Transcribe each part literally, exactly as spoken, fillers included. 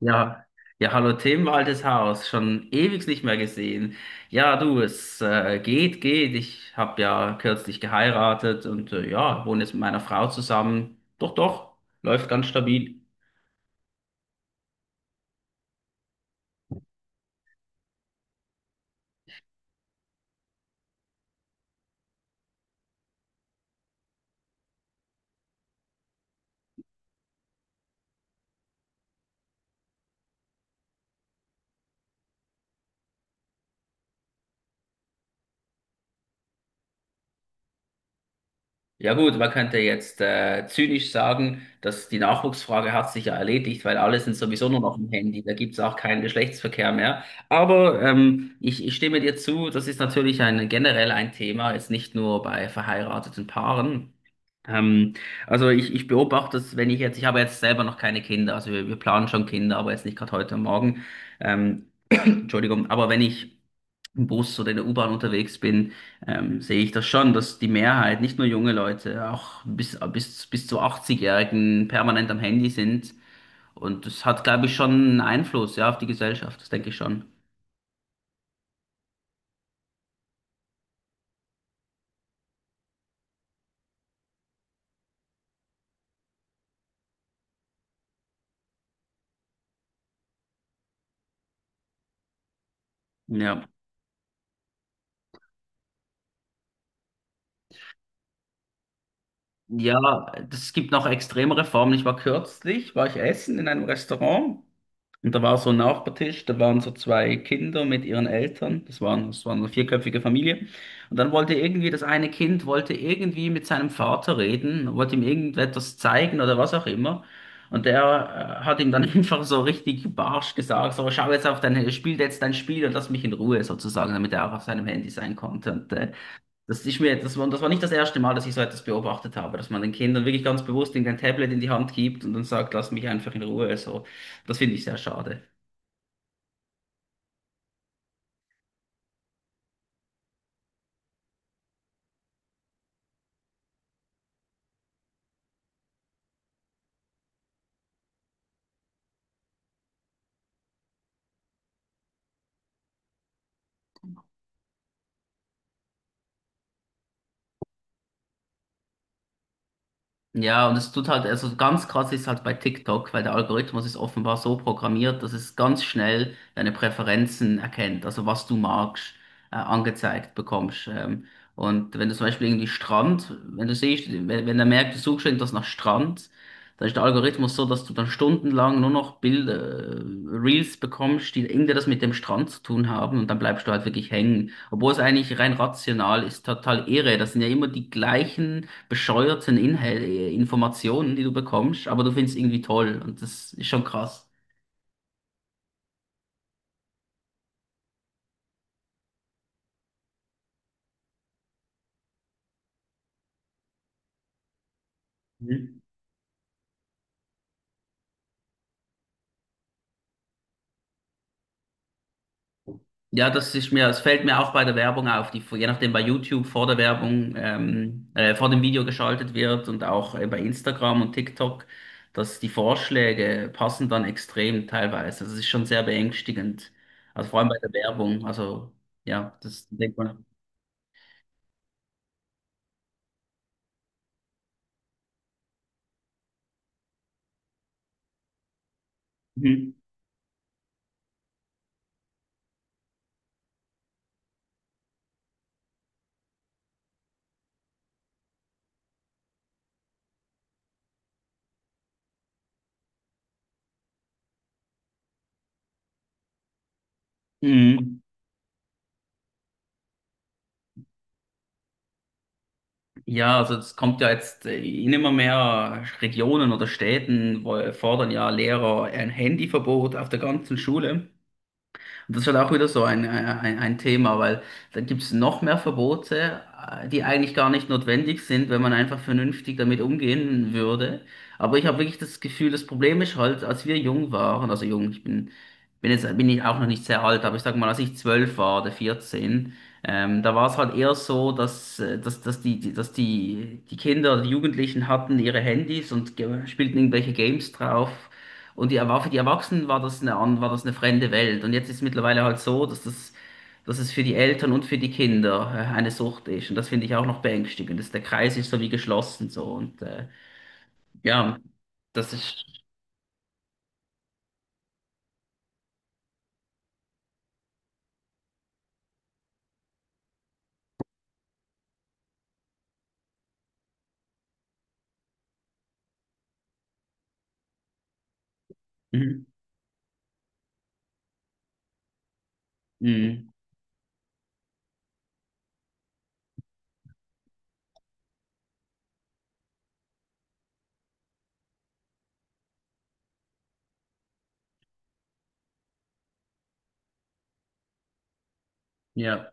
Ja, ja, hallo Tim, altes Haus, schon ewig nicht mehr gesehen. Ja, du, es äh, geht, geht. Ich habe ja kürzlich geheiratet und äh, ja, wohne jetzt mit meiner Frau zusammen. Doch, doch, läuft ganz stabil. Ja gut, man könnte jetzt äh, zynisch sagen, dass die Nachwuchsfrage hat sich ja erledigt, weil alle sind sowieso nur noch im Handy, da gibt's auch keinen Geschlechtsverkehr mehr. Aber ähm, ich, ich stimme dir zu, das ist natürlich ein, generell ein Thema, jetzt nicht nur bei verheirateten Paaren. Ähm, also ich, ich beobachte das, wenn ich jetzt, ich habe jetzt selber noch keine Kinder, also wir, wir planen schon Kinder, aber jetzt nicht gerade heute und Morgen. Ähm, Entschuldigung, aber wenn ich im Bus oder in der U-Bahn unterwegs bin, ähm, sehe ich das schon, dass die Mehrheit, nicht nur junge Leute, auch bis, bis, bis zu achtzig-Jährigen permanent am Handy sind. Und das hat, glaube ich, schon einen Einfluss, ja, auf die Gesellschaft, das denke ich schon. Ja. Ja, es gibt noch extremere Formen. Ich war kürzlich, war ich essen in einem Restaurant. Und da war so ein Nachbartisch, da waren so zwei Kinder mit ihren Eltern, das waren, das war eine vierköpfige Familie. Und dann wollte irgendwie, das eine Kind wollte irgendwie mit seinem Vater reden, wollte ihm irgendetwas zeigen oder was auch immer. Und der äh, hat ihm dann einfach so richtig barsch gesagt, so schau jetzt auf dein, spiel jetzt dein Spiel und lass mich in Ruhe sozusagen, damit er auch auf seinem Handy sein konnte. Und äh, das ist mir, das war, das war nicht das erste Mal, dass ich so etwas beobachtet habe, dass man den Kindern wirklich ganz bewusst irgendein Tablet in die Hand gibt und dann sagt, lass mich einfach in Ruhe, so. Das finde ich sehr schade. Ja, und es tut halt, also ganz krass ist halt bei TikTok, weil der Algorithmus ist offenbar so programmiert, dass es ganz schnell deine Präferenzen erkennt, also was du magst, äh, angezeigt bekommst. Ähm, und wenn du zum Beispiel irgendwie Strand, wenn du siehst, wenn, wenn er merkt, du suchst irgendwas nach Strand, dann ist der Algorithmus so, dass du dann stundenlang nur noch Bilder, äh, Reels bekommst, die irgendwie das mit dem Strand zu tun haben und dann bleibst du halt wirklich hängen. Obwohl es eigentlich rein rational ist, total irre. Das sind ja immer die gleichen bescheuerten Inhal äh, Informationen, die du bekommst, aber du findest irgendwie toll und das ist schon krass. Mhm. Ja, das ist mir, es fällt mir auch bei der Werbung auf, die je nachdem bei YouTube vor der Werbung, ähm, äh, vor dem Video geschaltet wird und auch äh, bei Instagram und TikTok, dass die Vorschläge passen dann extrem teilweise. Das ist schon sehr beängstigend. Also vor allem bei der Werbung. Also ja, das denkt man. Mhm. Mhm. Ja, also es kommt ja jetzt äh, in immer mehr Regionen oder Städten, wo fordern ja Lehrer ein Handyverbot auf der ganzen Schule. Und das ist halt auch wieder so ein, äh, ein, ein Thema, weil da gibt es noch mehr Verbote, äh, die eigentlich gar nicht notwendig sind, wenn man einfach vernünftig damit umgehen würde. Aber ich habe wirklich das Gefühl, das Problem ist halt, als wir jung waren, also jung, ich bin, bin jetzt bin ich auch noch nicht sehr alt, aber ich sag mal, als ich zwölf war oder vierzehn, ähm, da war es halt eher so, dass, äh, dass, dass die, die- dass die, die Kinder, die Jugendlichen hatten ihre Handys und ge- spielten irgendwelche Games drauf. Und die, war für die Erwachsenen war das eine, an- war das eine fremde Welt. Und jetzt ist es mittlerweile halt so, dass das, dass es für die Eltern und für die Kinder äh, eine Sucht ist. Und das finde ich auch noch beängstigend. Dass der Kreis ist so wie geschlossen so. Und äh, ja, das ist. Mhm. Mhm. Ja.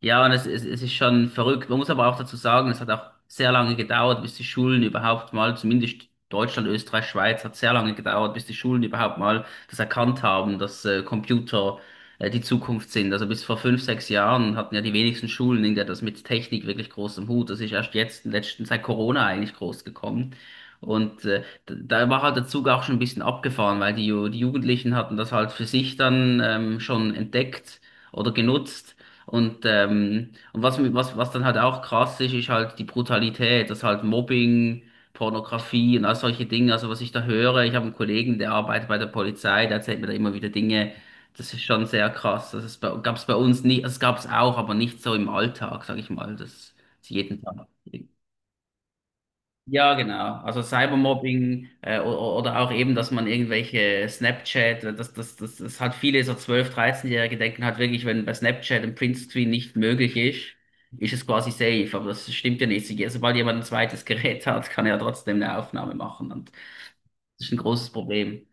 Ja, und es, es, es ist schon verrückt. Man muss aber auch dazu sagen, es hat auch sehr lange gedauert, bis die Schulen überhaupt mal, zumindest Deutschland, Österreich, Schweiz, hat sehr lange gedauert, bis die Schulen überhaupt mal das erkannt haben, dass äh, Computer äh, die Zukunft sind. Also bis vor fünf, sechs Jahren hatten ja die wenigsten Schulen irgendwie das mit Technik wirklich groß im Hut. Das ist erst jetzt, letzten, seit Corona eigentlich groß gekommen. Und äh, d- da war halt der Zug auch schon ein bisschen abgefahren, weil die, Ju- die Jugendlichen hatten das halt für sich dann ähm, schon entdeckt oder genutzt. Und, ähm, und was, was, was dann halt auch krass ist, ist halt die Brutalität, das halt Mobbing, Pornografie und all solche Dinge. Also was ich da höre, ich habe einen Kollegen, der arbeitet bei der Polizei, der erzählt mir da immer wieder Dinge. Das ist schon sehr krass. Das gab es bei uns nicht, das gab es auch, aber nicht so im Alltag, sag ich mal. Das ist jeden Tag. Ja, genau. Also Cybermobbing äh, o- oder auch eben, dass man irgendwelche Snapchat, äh, das, das, das, das hat viele so zwölf, dreizehn-Jährige denken halt wirklich, wenn bei Snapchat ein Printscreen nicht möglich ist, ist es quasi safe. Aber das stimmt ja nicht. Sie- Sobald jemand ein zweites Gerät hat, kann er ja trotzdem eine Aufnahme machen. Und das ist ein großes Problem.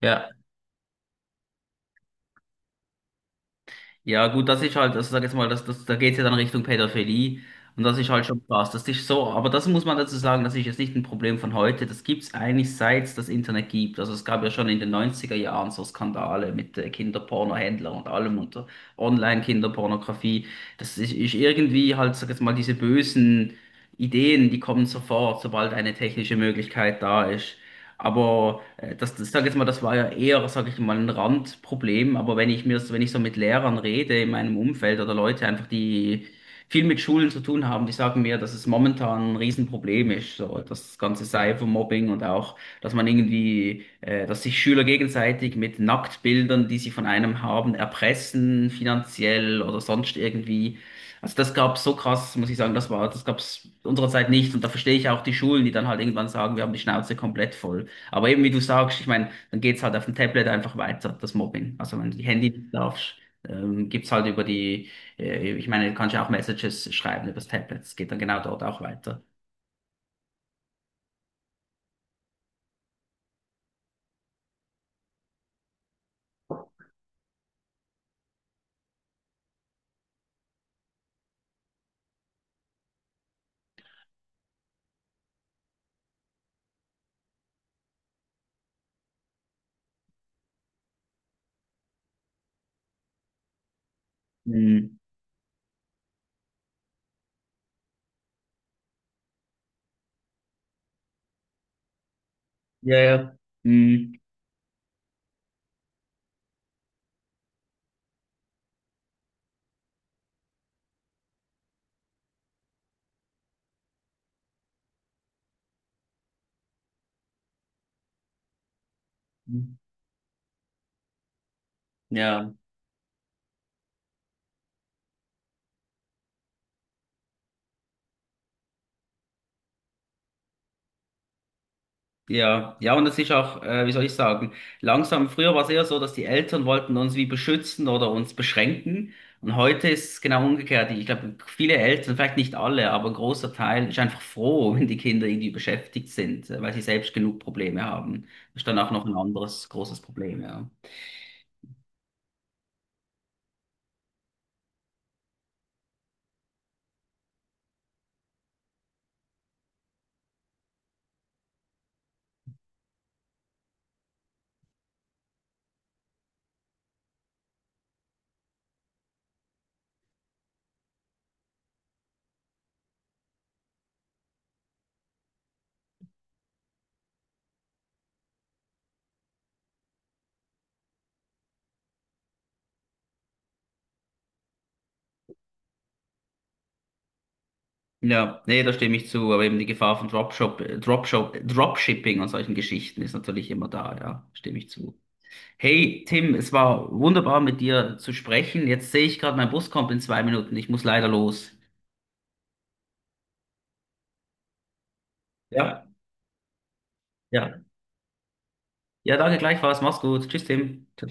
Ja. Ja, gut, das ist halt, also sag jetzt mal, das, das, da geht's ja dann Richtung Pädophilie und das ist halt schon krass. Das ist so, aber das muss man dazu sagen, das ist jetzt nicht ein Problem von heute. Das gibt's eigentlich seit es das Internet gibt. Also es gab ja schon in den neunziger Jahren so Skandale mit äh, Kinderpornohändlern und allem und äh, Online-Kinderpornografie. Das ist, ist irgendwie halt, sag jetzt mal, diese bösen Ideen, die kommen sofort, sobald eine technische Möglichkeit da ist. Aber äh, das, das sage jetzt mal, das war ja eher, sage ich mal, ein Randproblem. Aber wenn ich mir, das- wenn ich so mit Lehrern rede in meinem Umfeld oder Leute einfach, die viel mit Schulen zu tun haben, die sagen mir, dass es momentan ein Riesenproblem ist, so das ganze Cybermobbing und auch, dass man irgendwie, äh, dass sich Schüler gegenseitig mit Nacktbildern, die sie von einem haben, erpressen, finanziell oder sonst irgendwie. Also das gab's so krass, muss ich sagen, das war, das gab's unserer Zeit nicht. Und da verstehe ich auch die Schulen, die dann halt irgendwann sagen, wir haben die Schnauze komplett voll. Aber eben, wie du sagst, ich meine, dann geht's halt auf dem Tablet einfach weiter, das Mobbing. Also wenn du die Handy nicht darfst, ähm, gibt's halt über die, äh, ich meine, du kannst ja auch Messages schreiben über das Tablet. Es geht dann genau dort auch weiter. Mhm. Ja, ja. Mhm. Ja. Ja, ja, und es ist auch, äh, wie soll ich sagen, langsam, früher war es eher so, dass die Eltern wollten uns wie beschützen oder uns beschränken. Und heute ist es genau umgekehrt. Ich glaube, viele Eltern, vielleicht nicht alle, aber ein großer Teil ist einfach froh, wenn die Kinder irgendwie beschäftigt sind, äh, weil sie selbst genug Probleme haben. Das ist dann auch noch ein anderes großes Problem, ja. Ja, nee, da stimme ich zu. Aber eben die Gefahr von Dropshop, äh, Dropshop, Dropshipping und solchen Geschichten ist natürlich immer da, ja, stimme ich zu. Hey Tim, es war wunderbar mit dir zu sprechen. Jetzt sehe ich gerade, mein Bus kommt in zwei Minuten. Ich muss leider los. Ja, ja. Ja, danke gleichfalls. Mach's gut. Tschüss, Tim. Ciao.